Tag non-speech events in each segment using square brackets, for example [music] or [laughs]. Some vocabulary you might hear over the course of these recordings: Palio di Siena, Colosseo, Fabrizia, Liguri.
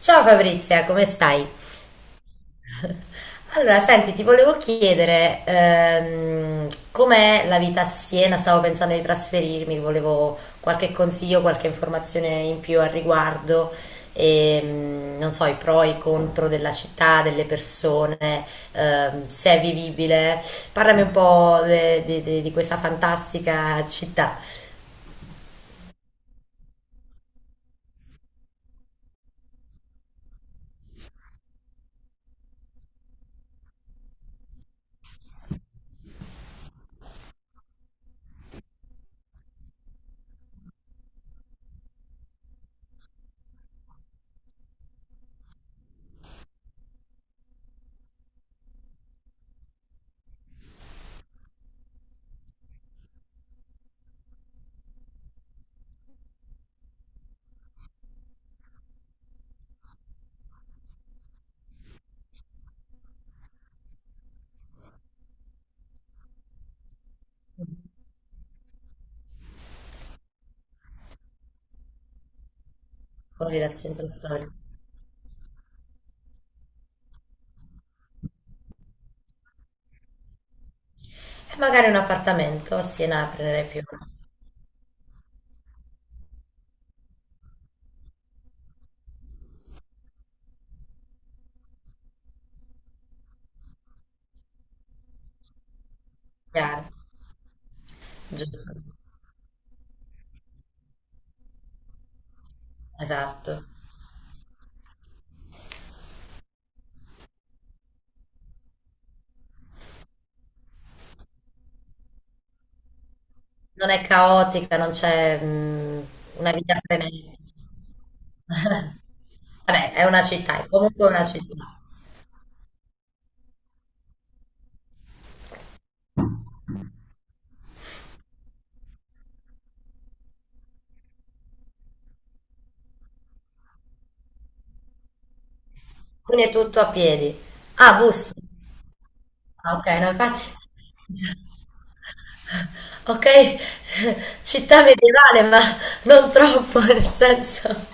Ciao Fabrizia, come stai? Allora, senti, ti volevo chiedere com'è la vita a Siena? Stavo pensando di trasferirmi, volevo qualche consiglio, qualche informazione in più al riguardo, non so, i pro e i contro della città, delle persone, se è vivibile. Parlami un po' di questa fantastica città fuori dal centro storico. E magari un appartamento a Siena prenderei più chiaro, giusto? Esatto. Non è caotica, non c'è una vita frenetica. [laughs] Vabbè, è una città, è comunque una città. Quindi è tutto a piedi. Ah, bus. Ah, ok, no, infatti. Ok, [laughs] città medievale, ma non troppo, [laughs] nel senso.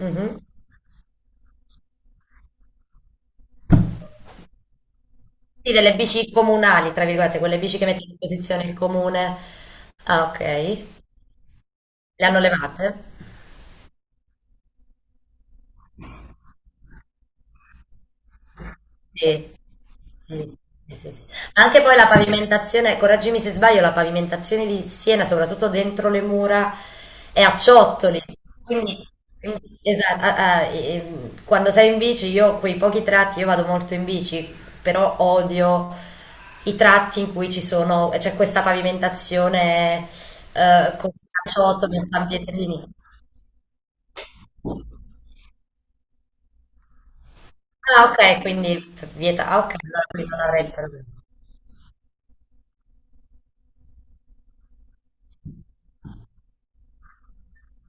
Mhm. Sì, delle bici comunali, tra virgolette, quelle bici che mette a disposizione il comune. Ah, ok. Le hanno levate? Sì, sì, sì, sì, sì. Ma anche poi la pavimentazione, correggimi se sbaglio, la pavimentazione di Siena, soprattutto dentro le mura, è a ciottoli. Quindi, quindi, esatto, ah, ah, quando sei in bici, io quei pochi tratti, io vado molto in bici, però odio i tratti in cui ci sono, c'è questa pavimentazione così a ciottoli, a San Pietrini. Ah, ok, quindi vieta. Ah, ok, allora qui non avrei il problema.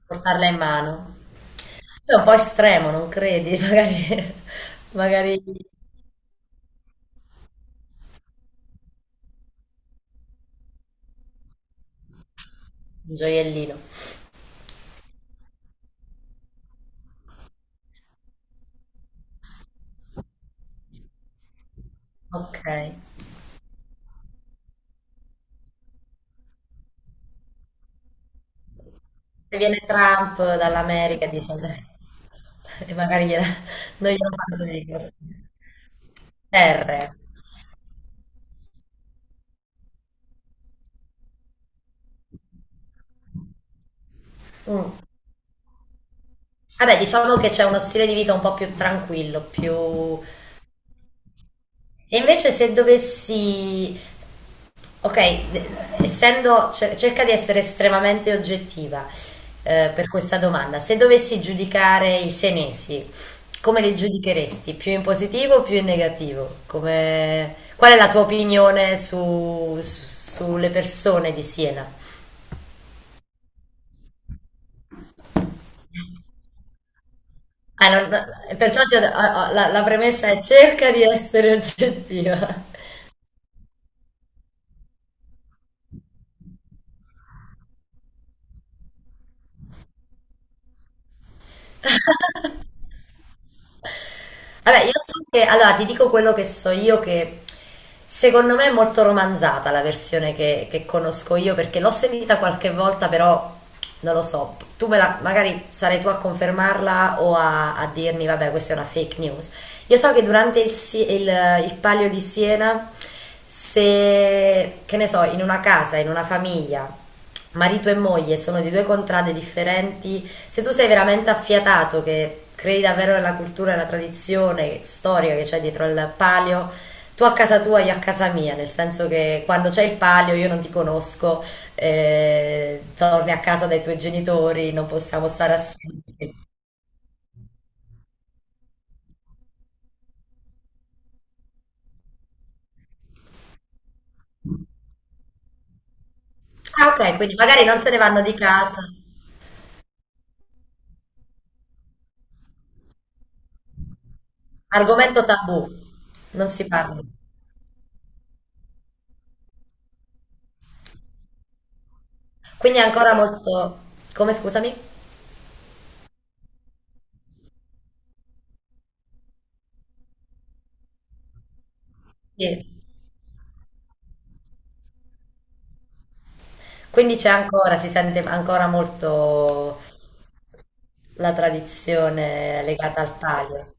Portarla in mano. È un po' estremo, non credi? [laughs] Magari, magari un gioiellino. Ok. Se viene Trump dall'America e dice, [laughs] e magari gliela, non glielo fanno di cose. R. Mm. Vabbè, diciamo che c'è uno stile di vita un po' più tranquillo, più... E invece se dovessi Ok, essendo, cerca di essere estremamente oggettiva per questa domanda. Se dovessi giudicare i senesi, come li giudicheresti? Più in positivo o più in negativo? Qual è la tua opinione sulle persone di Siena? Ah, no, perciò ti la premessa è cerca di essere oggettiva. Vabbè, io so che, allora ti dico quello che so io, che secondo me è molto romanzata la versione che conosco io, perché l'ho sentita qualche volta, però non lo so, tu me la, magari sarai tu a confermarla o a dirmi, vabbè, questa è una fake news. Io so che durante il Palio di Siena, se, che ne so, in una casa, in una famiglia, marito e moglie sono di due contrade differenti. Se tu sei veramente affiatato, che credi davvero nella cultura e nella tradizione storica che c'è dietro al palio, tu a casa tua, io a casa mia, nel senso che quando c'è il palio io non ti conosco, torni a casa dai tuoi genitori, non possiamo stare assieme. Ah, ok, quindi magari non se ne vanno di casa. Argomento tabù, non si parla. Quindi è ancora molto... Come scusami? Sì. Quindi c'è ancora, si sente ancora molto la tradizione legata al taglio.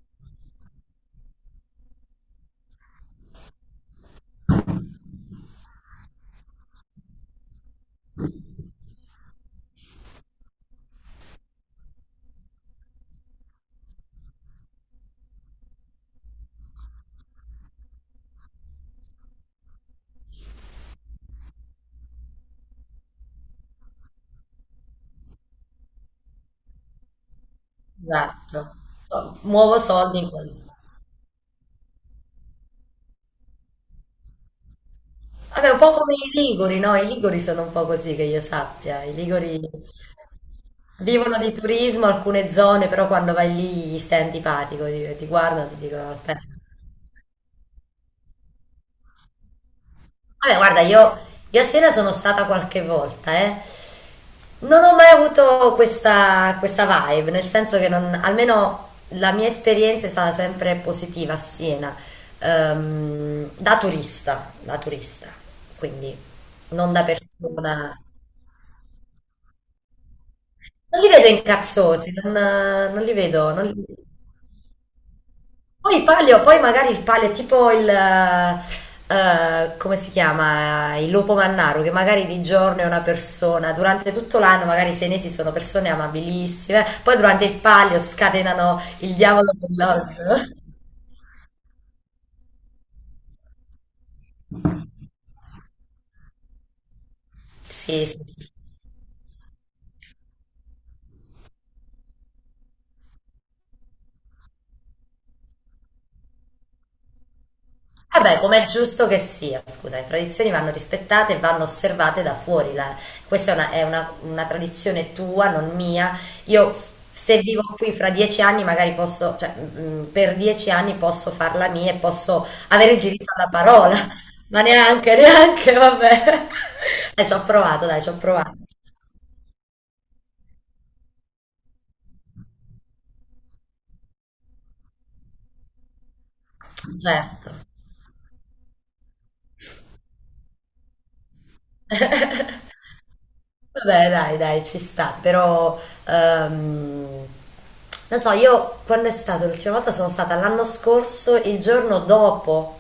Esatto. Muovo soldi in quel... Vabbè, un po' come i Liguri, no? I Liguri sono un po' così che io sappia. I Liguri vivono di turismo alcune zone, però quando vai lì gli stai antipatico, ti guardano, ti dicono aspetta. Vabbè, guarda, io a Siena sono stata qualche volta, eh. Non ho mai avuto questa vibe, nel senso che non, almeno la mia esperienza è stata sempre positiva a Siena, da turista, quindi non da persona. Non li vedo incazzosi, non li vedo, non li Poi il palio, poi magari il palio è tipo il, come si chiama? Il lupo mannaro, che magari di giorno è una persona, durante tutto l'anno magari i senesi sono persone amabilissime, poi durante il palio scatenano il diavolo dell'odio. [laughs] Sì, sì. Eh beh, com'è giusto che sia, scusa, le tradizioni vanno rispettate e vanno osservate da fuori. Questa è una tradizione tua, non mia. Io se vivo qui fra 10 anni, magari posso, cioè, per 10 anni posso farla mia e posso avere il diritto alla parola, [laughs] ma neanche, neanche, vabbè. [laughs] Ci ho provato, dai, ci ho provato. Certo. [laughs] Vabbè, dai, dai, ci sta, però ehm, non so, io quando è stata l'ultima volta sono stata l'anno scorso, il giorno dopo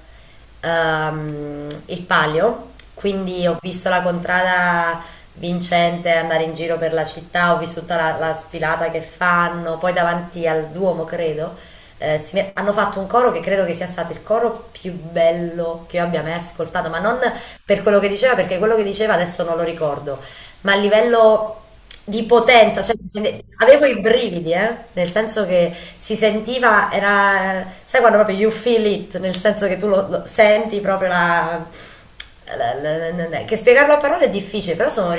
il palio, quindi ho visto la contrada vincente andare in giro per la città, ho visto tutta la sfilata che fanno, poi davanti al Duomo, credo, hanno fatto un coro che credo che sia stato il coro più bello che io abbia mai ascoltato, ma non per quello che diceva, perché quello che diceva adesso non lo ricordo ma a livello di potenza, cioè avevo i brividi, nel senso che si sentiva, era, sai quando proprio you feel it, nel senso che tu lo senti proprio che spiegarlo a parole è difficile, però sono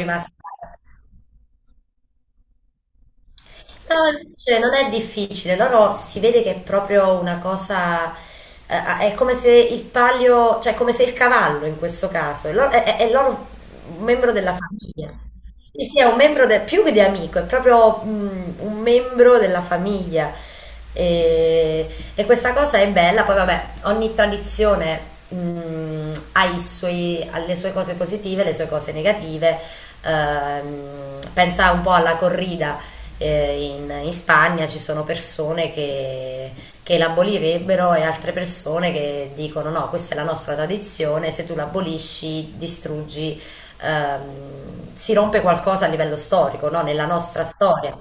Cioè, non è difficile, loro si vede che è proprio una cosa, è come se il palio, cioè come se il cavallo in questo caso, è loro, è loro un membro della famiglia. Sì, sì, è un membro più che di amico, è proprio un membro della famiglia. E, e questa cosa è bella, poi vabbè, ogni tradizione ha le sue cose positive, le sue cose negative. Pensa un po' alla corrida in Spagna ci sono persone che, l'abolirebbero e altre persone che dicono no, questa è la nostra tradizione, se tu l'abolisci distruggi, si rompe qualcosa a livello storico, no? Nella nostra storia.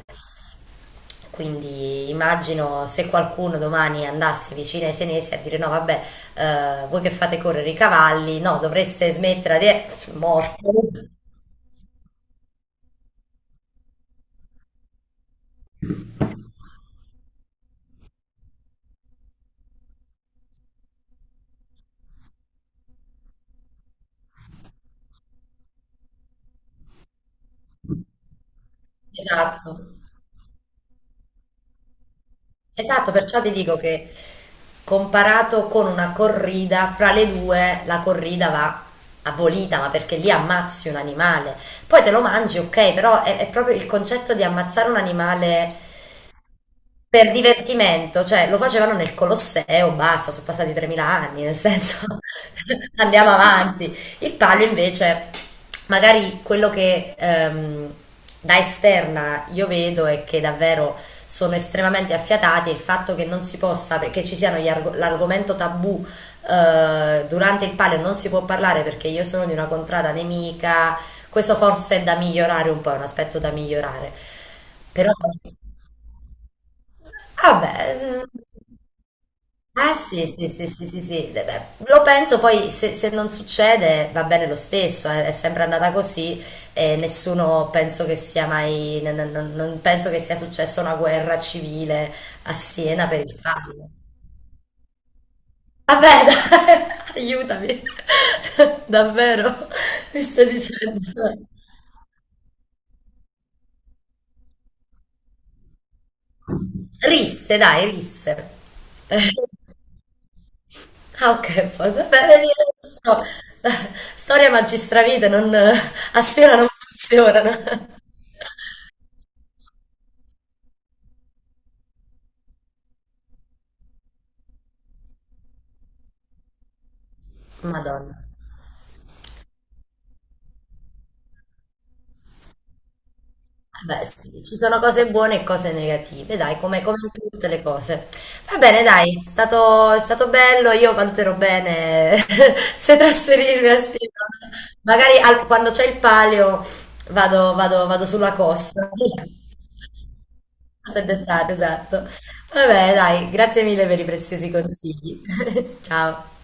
Quindi immagino se qualcuno domani andasse vicino ai senesi a dire no, vabbè, voi che fate correre i cavalli, no, dovreste smettere di... morto. Esatto. Esatto, perciò ti dico che comparato con una corrida, fra le due la corrida va abolita, ma perché lì ammazzi un animale. Poi te lo mangi, ok, però è proprio il concetto di ammazzare un animale per divertimento, cioè lo facevano nel Colosseo, basta, sono passati 3.000 anni, nel senso [laughs] andiamo avanti. Il palio invece, magari quello che da esterna io vedo è che davvero sono estremamente affiatati e il fatto che non si possa, che ci siano l'argomento tabù durante il palio non si può parlare perché io sono di una contrada nemica, questo forse è da migliorare un po', è un aspetto da migliorare. Però. Ah beh, mm, eh sì, sì, sì, sì, sì, sì. Beh, lo penso poi se non succede va bene lo stesso, è sempre andata così e nessuno penso che sia mai, non penso che sia successa una guerra civile a Siena per il fango. Vabbè, dai, [laughs] aiutami, [laughs] davvero, mi stai dicendo. Risse, dai, risse. [laughs] Ah ok, poi beh, vedi, non so. Storia magistravita non, a Siena non funzionano. Madonna. Beh, sì, ci sono cose buone e cose negative, dai, come in tutte le cose. Va bene, dai, è stato bello, io valuterò bene [laughs] se trasferirmi a Siena. Magari quando c'è il palio vado sulla costa. [laughs] Fatta d'estate, esatto. Vabbè, dai, grazie mille per i preziosi consigli. [laughs] Ciao.